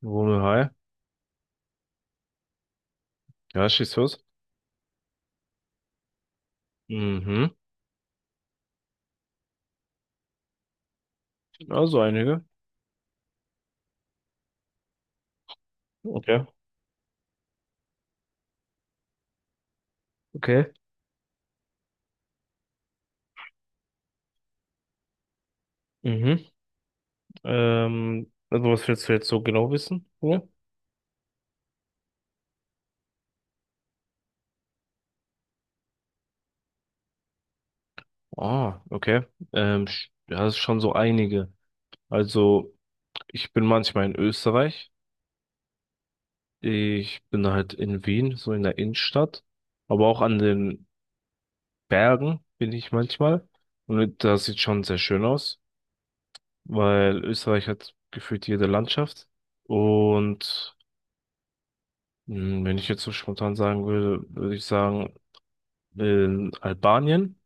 Wohne High. Ja, schieß los. Mhm. Also einige. Okay. Okay. Mhm. Also, was willst du jetzt so genau wissen? Ja. Ah, okay. Ja, das ist schon so einige. Also, ich bin manchmal in Österreich. Ich bin halt in Wien, so in der Innenstadt. Aber auch an den Bergen bin ich manchmal. Und das sieht schon sehr schön aus, weil Österreich hat gefühlt jede Landschaft. Und Wenn ich jetzt so spontan sagen würde, würde ich sagen, in Albanien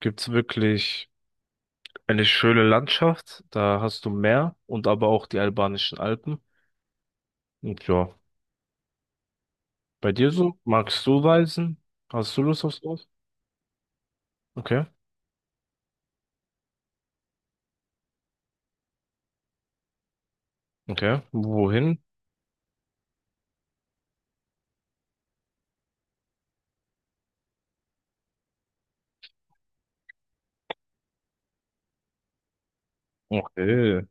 gibt's wirklich eine schöne Landschaft. Da hast du Meer und aber auch die albanischen Alpen. Und ja, bei dir so? Magst du reisen? Hast du Lust aufs Land? Okay, okay. Wohin? Okay,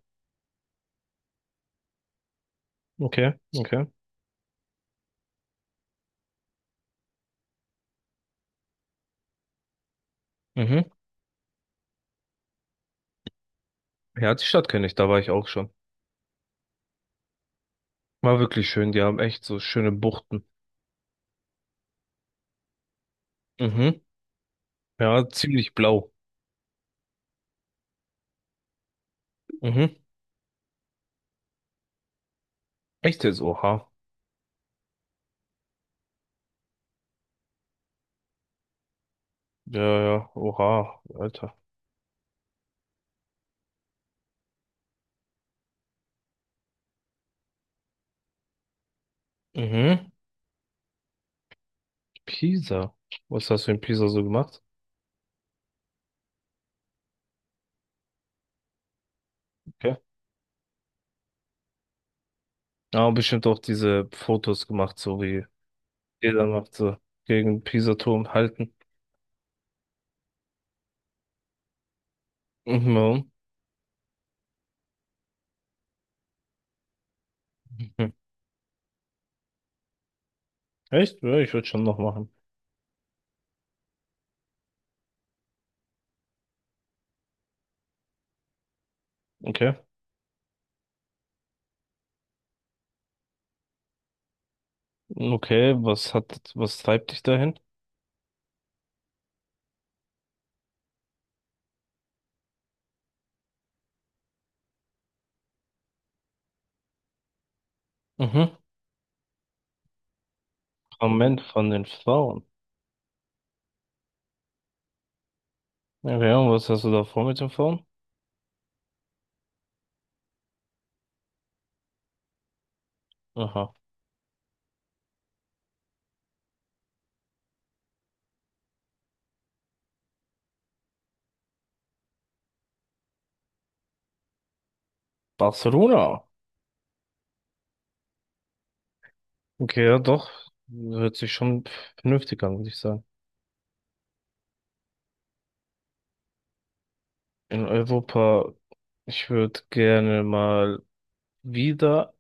okay, okay. Mhm. Ja, die Stadt kenne ich, da war ich auch schon. War wirklich schön, die haben echt so schöne Buchten. Mhm. Ja, ziemlich blau. Mhm. Echt jetzt, oha. Ja, ja, oha, Alter. Mhm. Pisa. Was hast du in Pisa so gemacht? Okay. Ja, bestimmt auch diese Fotos gemacht, so wie jeder macht, so gegen Pisa-Turm halten. Mhm. Mhm. Echt? Ja, ich würde schon noch machen. Okay. Okay, was hat, was treibt dich dahin? Mhm. Moment von den Frauen. Okay, und was hast du da vor mit den Frauen? Aha. Barcelona. Okay, ja, doch. Hört sich schon vernünftig an, würde ich sagen. In Europa, ich würde gerne mal wieder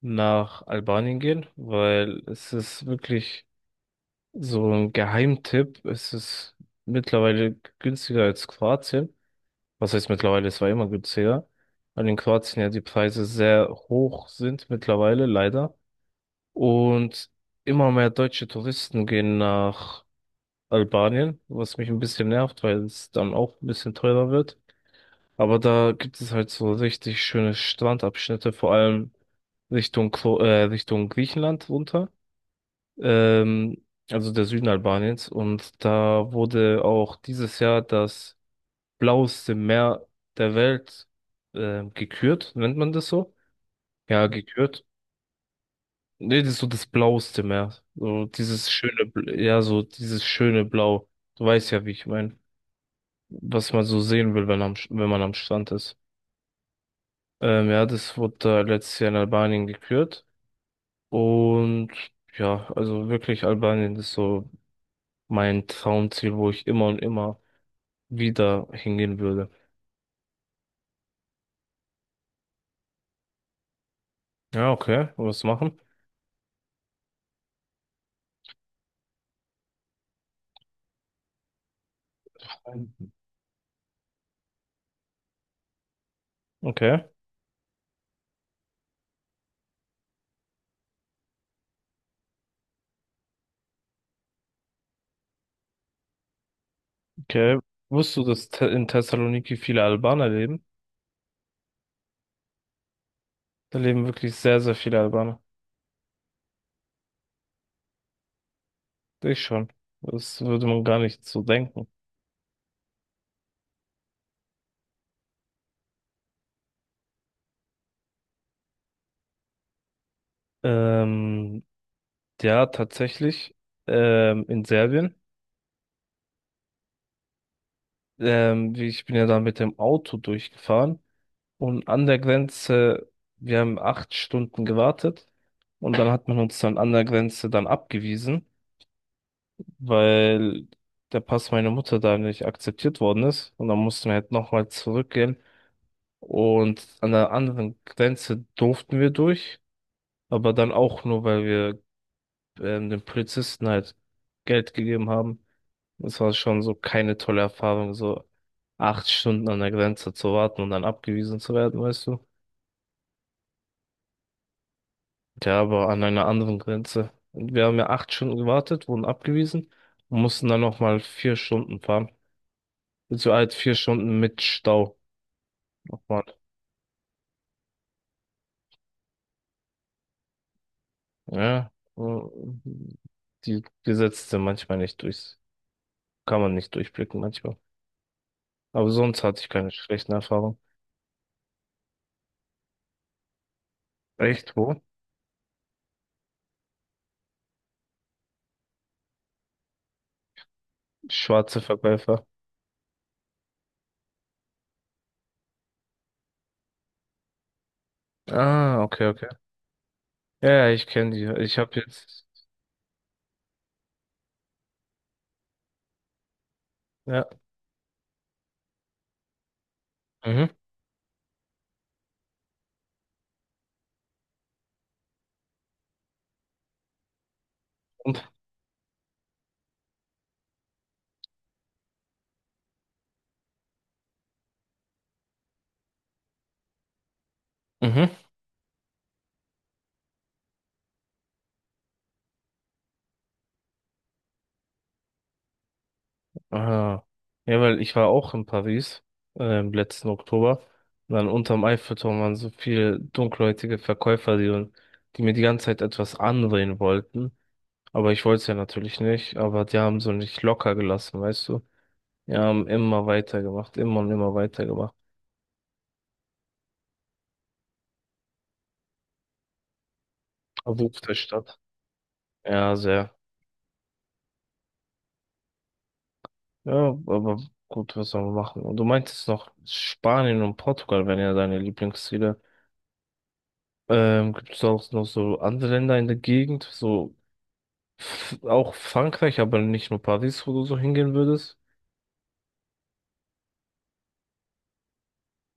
nach Albanien gehen, weil es ist wirklich so ein Geheimtipp. Es ist mittlerweile günstiger als Kroatien. Was heißt mittlerweile? Es war immer günstiger. Weil in Kroatien ja die Preise sehr hoch sind mittlerweile, leider. Und immer mehr deutsche Touristen gehen nach Albanien, was mich ein bisschen nervt, weil es dann auch ein bisschen teurer wird. Aber da gibt es halt so richtig schöne Strandabschnitte, vor allem Richtung Griechenland runter. ähm, also der Süden Albaniens. Und da wurde auch dieses Jahr das blaueste Meer der Welt gekürt, nennt man das so? Ja, gekürt. Nee, das ist so das blaueste Meer. So dieses schöne, ja, so dieses schöne Blau. Du weißt ja, wie ich meine, was man so sehen will, wenn man am Strand ist. Ja, das wurde da letztes Jahr in Albanien gekürt. Und ja, also wirklich Albanien ist so mein Traumziel, wo ich immer und immer wieder hingehen würde. Ja, okay. Was machen? Ähm, Okay, okay. Wusstest du, dass Te in Thessaloniki viele Albaner leben? Da leben wirklich sehr, sehr viele Albaner. Ich schon. Das würde man gar nicht so denken. Ähm, ja, tatsächlich. In Serbien. Ich bin ja da mit dem Auto durchgefahren. Und an der Grenze, wir haben acht Stunden gewartet. Und dann hat man uns dann an der Grenze dann abgewiesen, weil der Pass meiner Mutter da nicht akzeptiert worden ist. Und dann mussten wir halt nochmal zurückgehen. Und an der anderen Grenze durften wir durch, aber dann auch nur, weil wir den Polizisten halt Geld gegeben haben. Das war schon so keine tolle Erfahrung, so acht Stunden an der Grenze zu warten und dann abgewiesen zu werden, weißt du? Ja, aber an einer anderen Grenze. Und wir haben ja acht Stunden gewartet, wurden abgewiesen und mussten dann nochmal vier Stunden fahren. Also halt vier Stunden mit Stau. Aufwand. Ja, die Gesetze sind manchmal nicht durchs, kann man nicht durchblicken manchmal. Aber sonst hatte ich keine schlechten Erfahrungen. Echt, wo? Schwarze Verkäufer. Ah, okay, okay. Ja, ja, ich kenne die. Ich habe jetzt, ja, mhm. Und, mhm. Ah. Ja, weil ich war auch in Paris, im letzten Oktober. Und dann unterm Eiffelturm waren so viele dunkelhäutige Verkäufer, die mir die ganze Zeit etwas andrehen wollten. Aber ich wollte es ja natürlich nicht, aber die haben so nicht locker gelassen, weißt du? Die haben immer weitergemacht, immer und immer weitergemacht. Auf Ruf der Stadt. Ja, sehr. Ja, aber gut, was soll man machen? Und du meintest noch, Spanien und Portugal wären ja deine Lieblingsziele. Gibt es auch noch so andere Länder in der Gegend, so auch Frankreich, aber nicht nur Paris, wo du so hingehen würdest?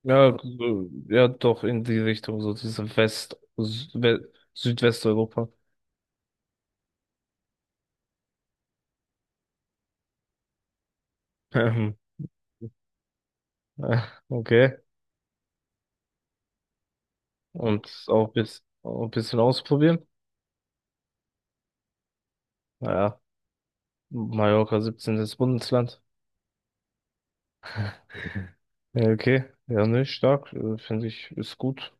Ja, doch in die Richtung, so diese Südwesteuropa. Ähm, äh, Okay. Und auch ein bisschen ausprobieren. Naja, Mallorca 17. Bundesland. Ja, okay, ja, nicht stark, finde ich, ist gut.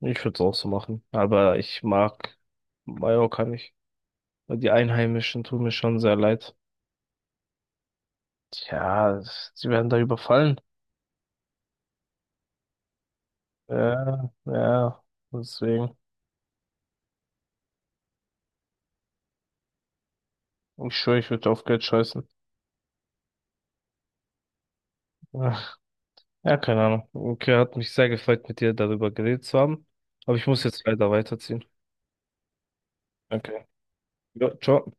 Ich würde es auch so machen, aber ich mag Mallorca nicht. Die Einheimischen tun mir schon sehr leid. Tja, sie werden da überfallen. Ja, ja, deswegen. Ich schwöre, ich würde auf Geld scheißen. Ja, ja, keine Ahnung. Okay, hat mich sehr gefreut, mit dir darüber geredet zu haben. Aber ich muss jetzt leider weiterziehen. Okay. Ja, ciao.